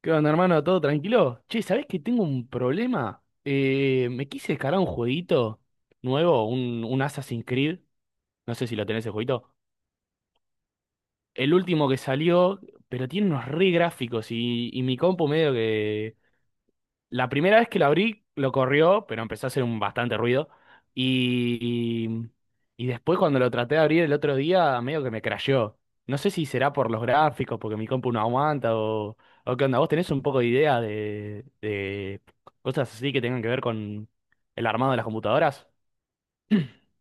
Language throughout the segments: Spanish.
¿Qué onda, hermano? ¿Todo tranquilo? Che, ¿sabés que tengo un problema? Me quise descargar un jueguito nuevo, un Assassin's Creed. No sé si lo tenés el jueguito. El último que salió, pero tiene unos re gráficos y mi compu medio que, la primera vez que lo abrí, lo corrió, pero empezó a hacer un bastante ruido. Y, y después cuando lo traté de abrir el otro día, medio que me crasheó. No sé si será por los gráficos, porque mi compu no aguanta o qué onda. ¿Vos tenés un poco de idea de cosas así que tengan que ver con el armado de las computadoras?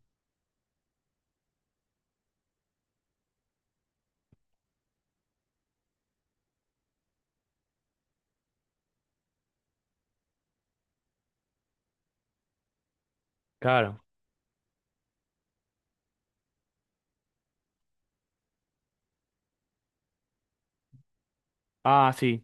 Claro. Ah, sí.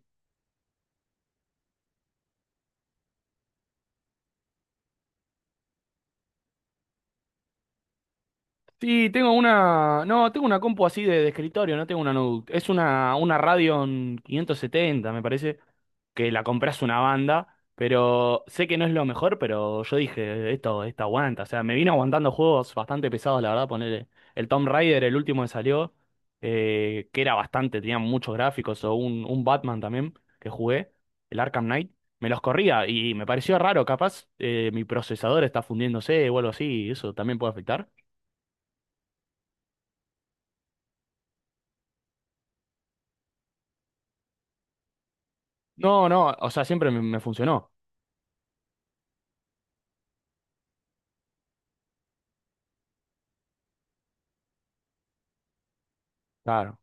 Sí, tengo una. No, tengo una compu así de escritorio, no tengo una notebook. Es una Radeon 570, me parece, que la compras una banda, pero sé que no es lo mejor, pero yo dije, esto aguanta. O sea, me vino aguantando juegos bastante pesados, la verdad, poner el Tomb Raider, el último que salió, que era bastante, tenía muchos gráficos, o un Batman también que jugué, el Arkham Knight. Me los corría y me pareció raro, capaz mi procesador está fundiéndose o algo así, y eso también puede afectar. No, no, o sea, siempre me, me funcionó. Claro.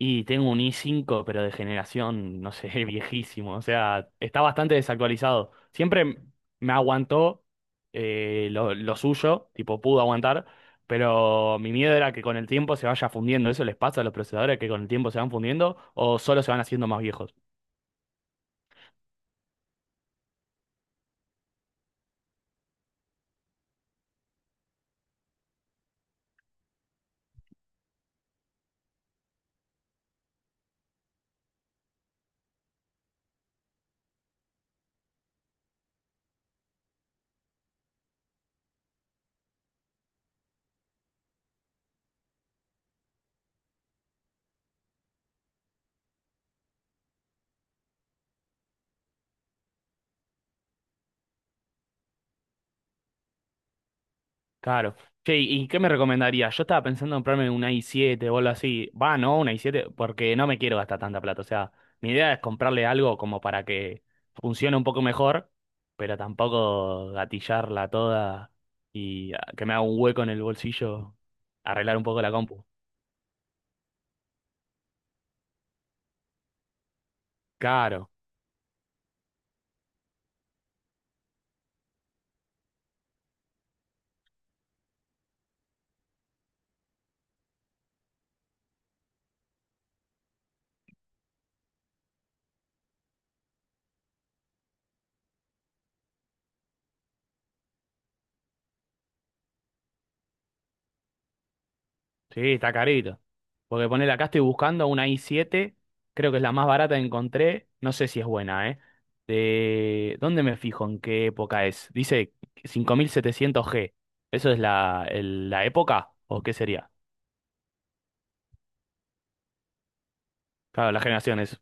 Y tengo un i5, pero de generación, no sé, viejísimo. O sea, está bastante desactualizado. Siempre me aguantó lo suyo, tipo, pudo aguantar, pero mi miedo era que con el tiempo se vaya fundiendo. ¿Eso les pasa a los procesadores que con el tiempo se van fundiendo o solo se van haciendo más viejos? Claro. Che, ¿y qué me recomendarías? Yo estaba pensando en comprarme una i7 o algo así. Va, no, una i7, porque no me quiero gastar tanta plata. O sea, mi idea es comprarle algo como para que funcione un poco mejor, pero tampoco gatillarla toda y ah, que me haga un hueco en el bolsillo, arreglar un poco la compu. Claro. Sí, está carito. Porque ponele acá estoy buscando una i7, creo que es la más barata que encontré, no sé si es buena, ¿eh? De... ¿Dónde me fijo? ¿En qué época es? Dice 5700 g. ¿Eso es la, el- la época? ¿O qué sería? Claro, las generaciones es...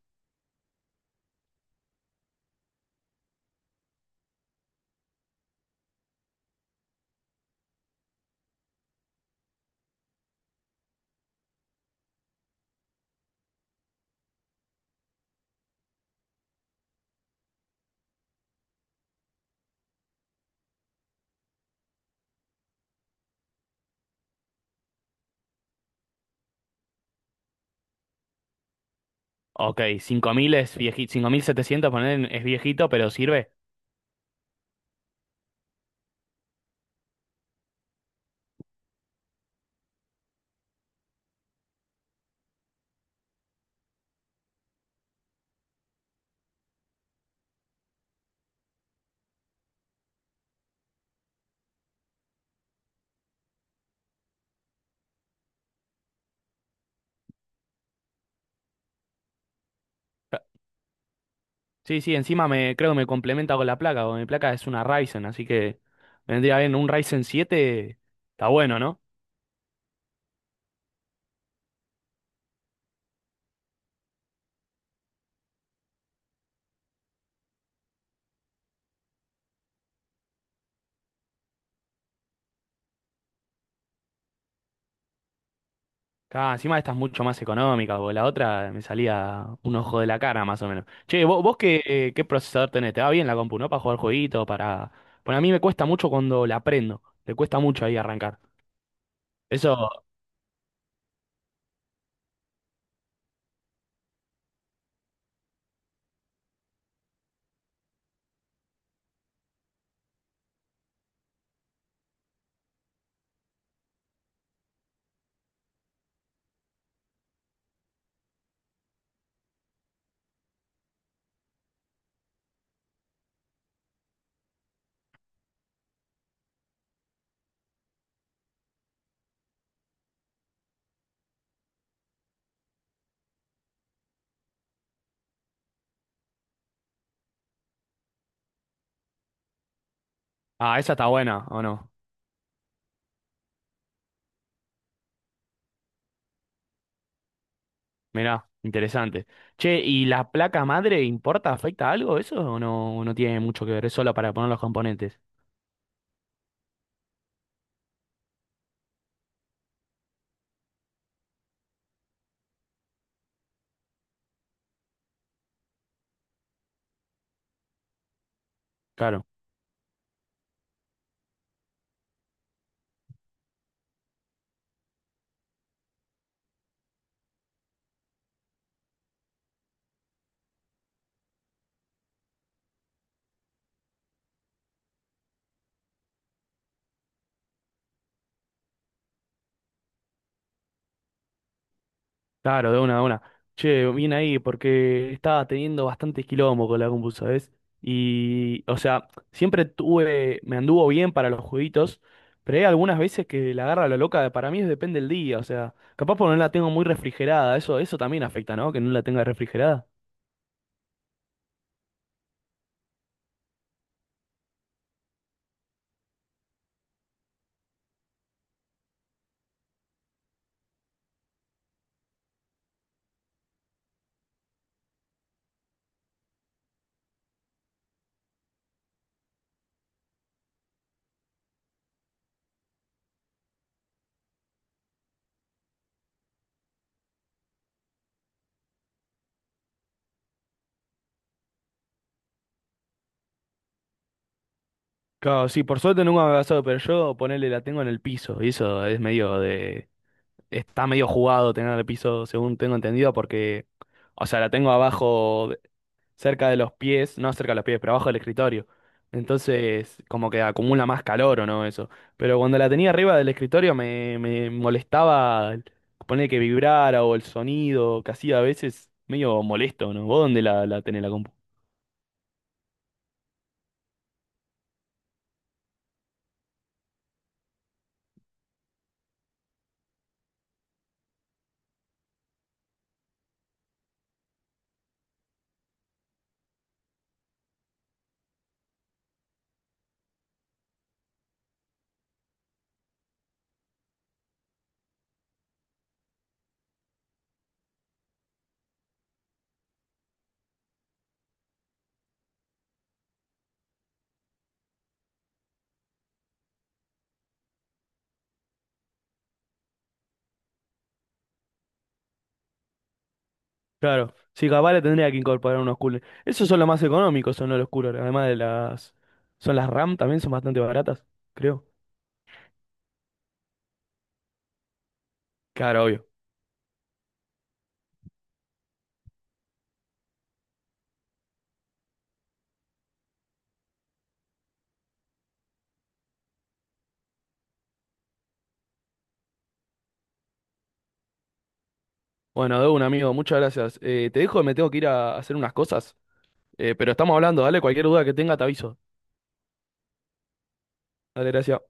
Ok, 5000 es viejito, 5700 poner es viejito, pero sirve. Ca- Sí, sí, encima me creo que me complementa con la placa, porque mi placa es una Ryzen, así que vendría bien un Ryzen 7, está bueno, ¿no? Claro, encima esta es mucho más económica, porque la otra me salía un ojo de la cara más o menos. Che, vos qué, qué procesador tenés, te va bien la compu, ¿no? Para jugar jueguitos, para... Bueno, a mí me cuesta mucho cuando la prendo, le cuesta mucho ahí arrancar. Eso, ah, esa está buena, ¿o no? Mirá, interesante. Che, ¿y la placa madre importa, afecta algo eso o no, no tiene mucho que ver? Es solo para poner los componentes. Claro. Claro, de una, de una. Che, bien ahí, porque estaba teniendo bastante quilombo con la compu, ¿sabes? Y, o sea, siempre tuve, me anduvo bien para los jueguitos, pero hay algunas veces que la agarra la loca, para mí es depende del día, o sea, capaz porque no la tengo muy refrigerada, eso también afecta, ¿no? Que no la tenga refrigerada. Claro, sí, por suerte nunca me ha pasado, pero yo ponerle la tengo en el piso, y eso es medio de, está medio jugado tener el piso, según tengo entendido, porque, o sea, la tengo abajo cerca de los pies, no cerca de los pies, pero abajo del escritorio. Entonces, como que acumula más calor o no, eso. Pero cuando la tenía arriba del escritorio me, me molestaba poner que vibrara o el sonido que hacía a veces medio molesto, ¿no? ¿Vos dónde la, la tenés la compu? Claro, sí, capaz le tendría que incorporar unos coolers. Esos son los más económicos, son los coolers. Además de las... Son las RAM también, son bastante baratas, creo. Claro, obvio. Bueno, de un amigo, muchas gracias. Te dejo, me tengo que ir a hacer unas cosas. Pero estamos hablando, dale, cualquier duda que tenga te aviso. Dale, gracias.